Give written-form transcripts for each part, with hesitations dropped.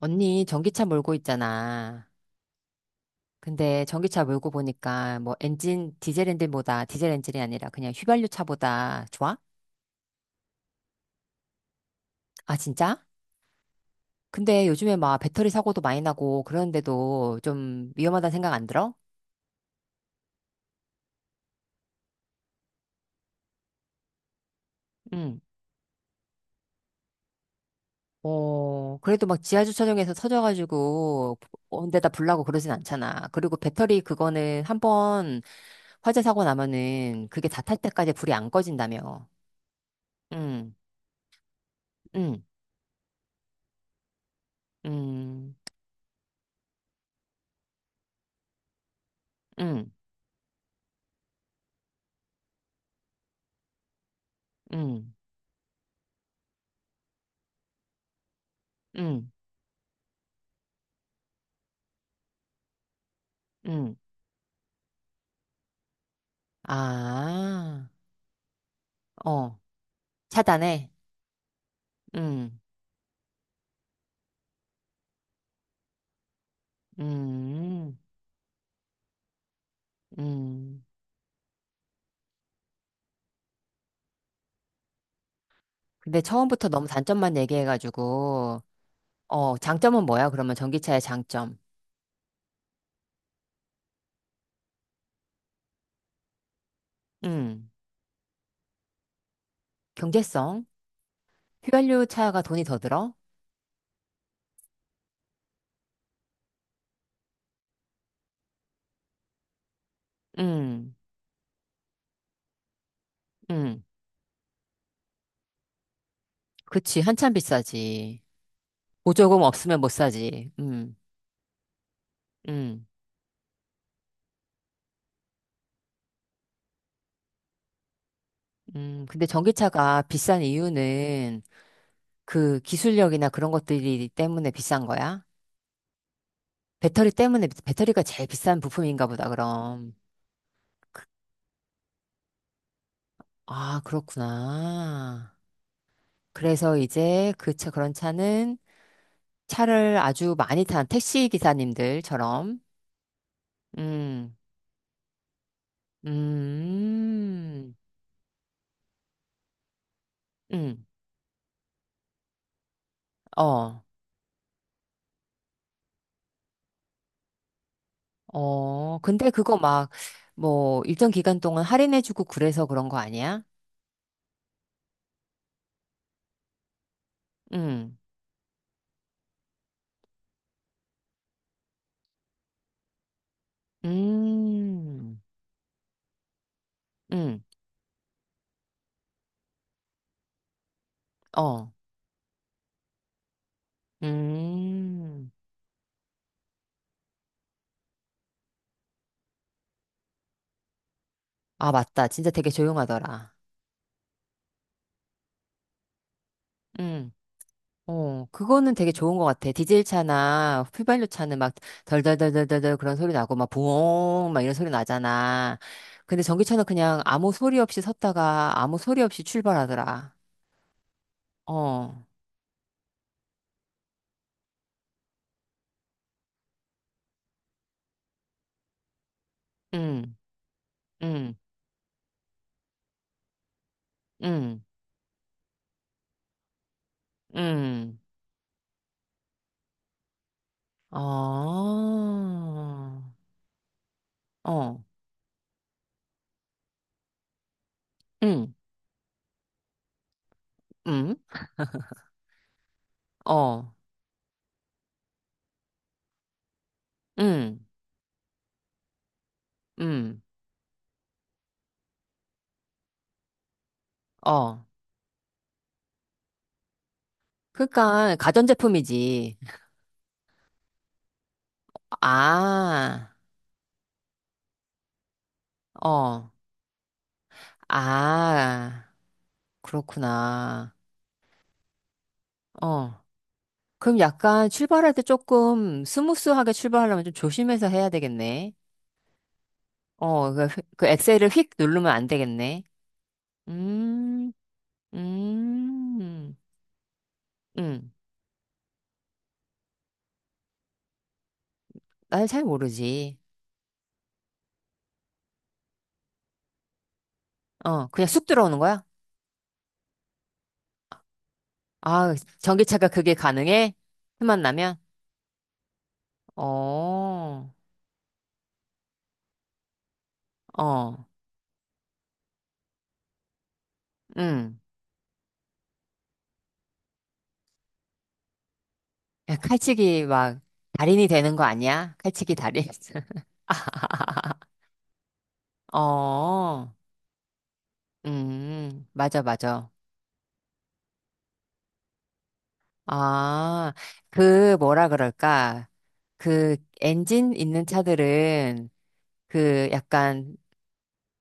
언니, 전기차 몰고 있잖아. 근데 전기차 몰고 보니까 뭐 엔진, 디젤 엔진보다, 디젤 엔진이 아니라 그냥 휘발유 차보다 좋아? 아, 진짜? 근데 요즘에 막 배터리 사고도 많이 나고 그러는데도 좀 위험하다는 생각 안 들어? 응. 어, 그래도 막 지하 주차장에서 터져가지고 온 데다 불나고 그러진 않잖아. 그리고 배터리 그거는 한번 화재 사고 나면은 그게 다 탈 때까지 불이 안 꺼진다며. 응, 응, 응, 응, 응. 응. 응. 아, 어, 차단해. 응. 음, 음. 근데 처음부터 너무 단점만 얘기해가지고, 어, 장점은 뭐야? 그러면 전기차의 장점. 응. 경제성? 휘발유 차가 돈이 더 들어? 응. 응. 그치, 한참 비싸지. 보조금 없으면 못 사지. 응. 응. 응. 근데 전기차가 비싼 이유는 그 기술력이나 그런 것들이 때문에 비싼 거야? 배터리 때문에 배터리가 제일 비싼 부품인가 보다, 그럼. 아, 그렇구나. 그래서 이제 그 차, 그런 차는 차를 아주 많이 탄 택시 기사님들처럼, 음, 음, 음, 어, 어. 근데 그거 막, 뭐, 일정 기간 동안 할인해주고 그래서 그런 거 아니야? 음, 음, 음, 어, 음. 아, 맞다. 진짜 되게 조용하더라. 음. 어, 그거는 되게 좋은 것 같아. 디젤 차나 휘발유 차는 막 덜덜덜덜덜 그런 소리 나고 막 부엉 막 이런 소리 나잖아. 근데 전기차는 그냥 아무 소리 없이 섰다가 아무 소리 없이 출발하더라. 어, 응, 응, 응, 응. 어, 어, 응, 응, 어, 응, 응, 어. 그러니까 가전제품이지. 아, 어, 아. 그렇구나. 어. 그럼 약간 출발할 때 조금 스무스하게 출발하려면 좀 조심해서 해야 되겠네. 어, 그, 그 엑셀을 휙 누르면 안 되겠네. 음, 음, 음. 날 잘 모르지. 어, 그냥 쑥 들어오는 거야? 아, 전기차가 그게 가능해? 틈만 나면? 어, 어, 음. 야, 칼치기 막 달인이 되는 거 아니야? 칼치기 달인. 어. 맞아, 맞아. 아, 그, 뭐라 그럴까. 그, 엔진 있는 차들은, 그, 약간,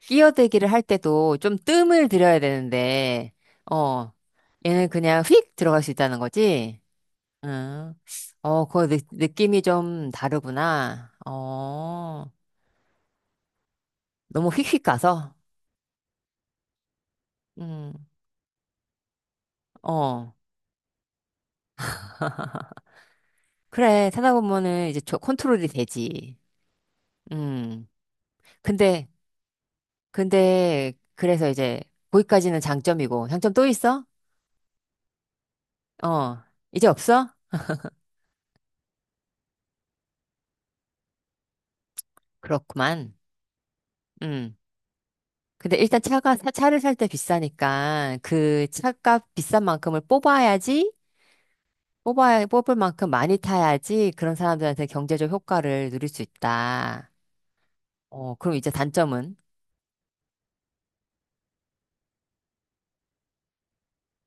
끼어들기를 할 때도 좀 뜸을 들여야 되는데, 어, 얘는 그냥 휙 들어갈 수 있다는 거지? 응. 어, 그 느낌이 좀 다르구나. 어, 너무 휙휙 가서? 음, 어. 그래, 타다 보면은 이제 저 컨트롤이 되지. 음. 근데, 근데 그래서 이제 거기까지는 장점이고 장점 또 있어? 어, 이제 없어? 그렇구만. 음. 근데 일단 차를 살 때 비싸니까 그 차값 비싼 만큼을 뽑아야지 뽑아 뽑을 만큼 많이 타야지 그런 사람들한테 경제적 효과를 누릴 수 있다. 어, 그럼 이제 단점은.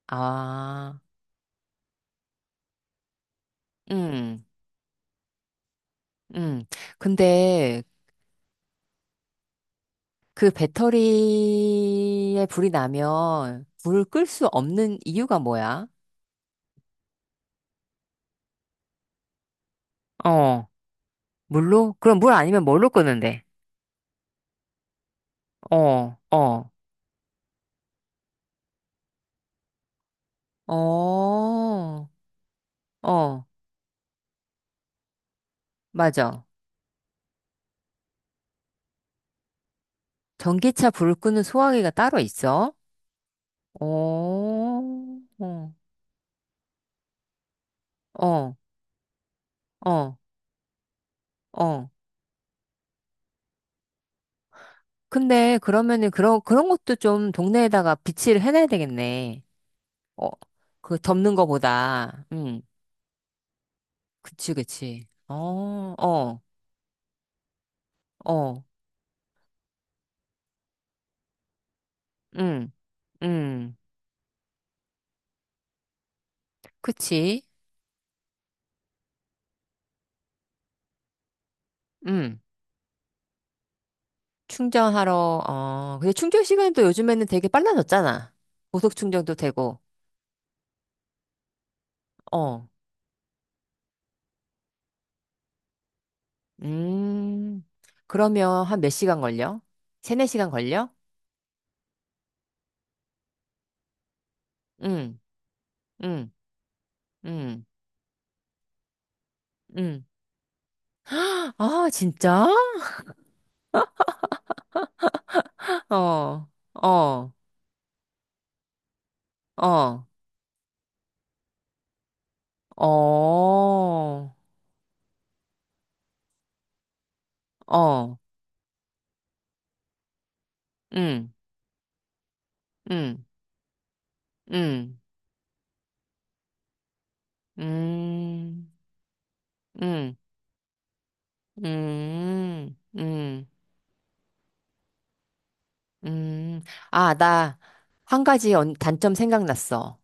아, 음, 음. 근데 그 배터리에 불이 나면 불을 끌 수 없는 이유가 뭐야? 어. 물로? 그럼 물 아니면 뭘로 끄는데? 어, 어, 어, 어, 맞아. 전기차 불을 끄는 소화기가 따로 있어? 어, 어, 어, 어. 어. 근데 그러면은 그런 것도 좀 동네에다가 비치를 해놔야 되겠네. 어, 그 덮는 거보다. 응, 그치, 그치. 어, 어, 어, 응, 응, 그치. 응. 충전하러, 어, 근데 충전 시간도 요즘에는 되게 빨라졌잖아. 고속 충전도 되고, 어, 음, 그러면 한 몇 시간 걸려? 세네 시간 걸려? 응, 응, 응, 응. 아, 진짜? 어, 어, 어, 어, 어, 응, 응, 응, 음, 응, 음, 음, 음. 아, 나 한 가지 단점 생각났어.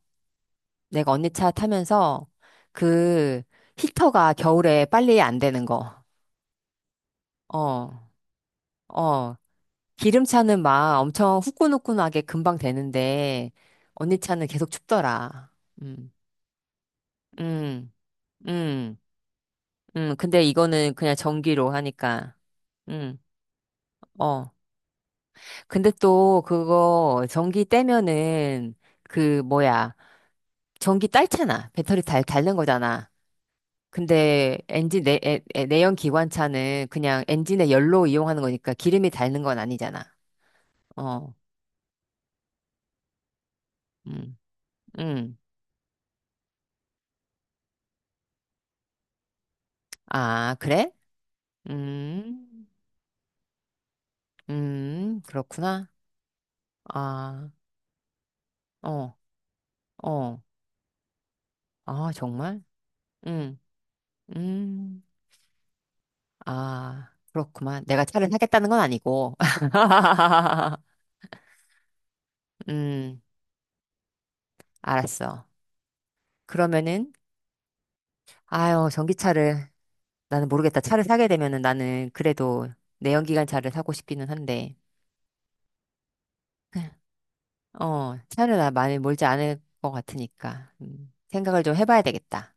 내가 언니 차 타면서 그 히터가 겨울에 빨리 안 되는 거. 어, 어. 기름차는 막 엄청 후끈후끈하게 금방 되는데 언니 차는 계속 춥더라. 음, 음, 음, 근데 이거는 그냥 전기로 하니까. 음, 어. 근데 또 그거 전기 떼면은 그 뭐야. 전기 딸잖아. 배터리 닳는 거잖아. 근데 엔진 내연 기관차는 그냥 엔진의 열로 이용하는 거니까 기름이 닳는 건 아니잖아. 어, 음, 음. 아, 그래? 음, 그렇구나. 아, 어, 어, 아, 정말? 음, 음, 아, 그렇구만. 내가 차를 사겠다는 건 아니고. 음, 알았어. 그러면은, 아유, 전기차를. 나는 모르겠다. 차를 사게 되면은 나는 그래도 내연기관 차를 사고 싶기는 한데, 어, 차를 나 많이 몰지 않을 것 같으니까, 생각을 좀 해봐야 되겠다.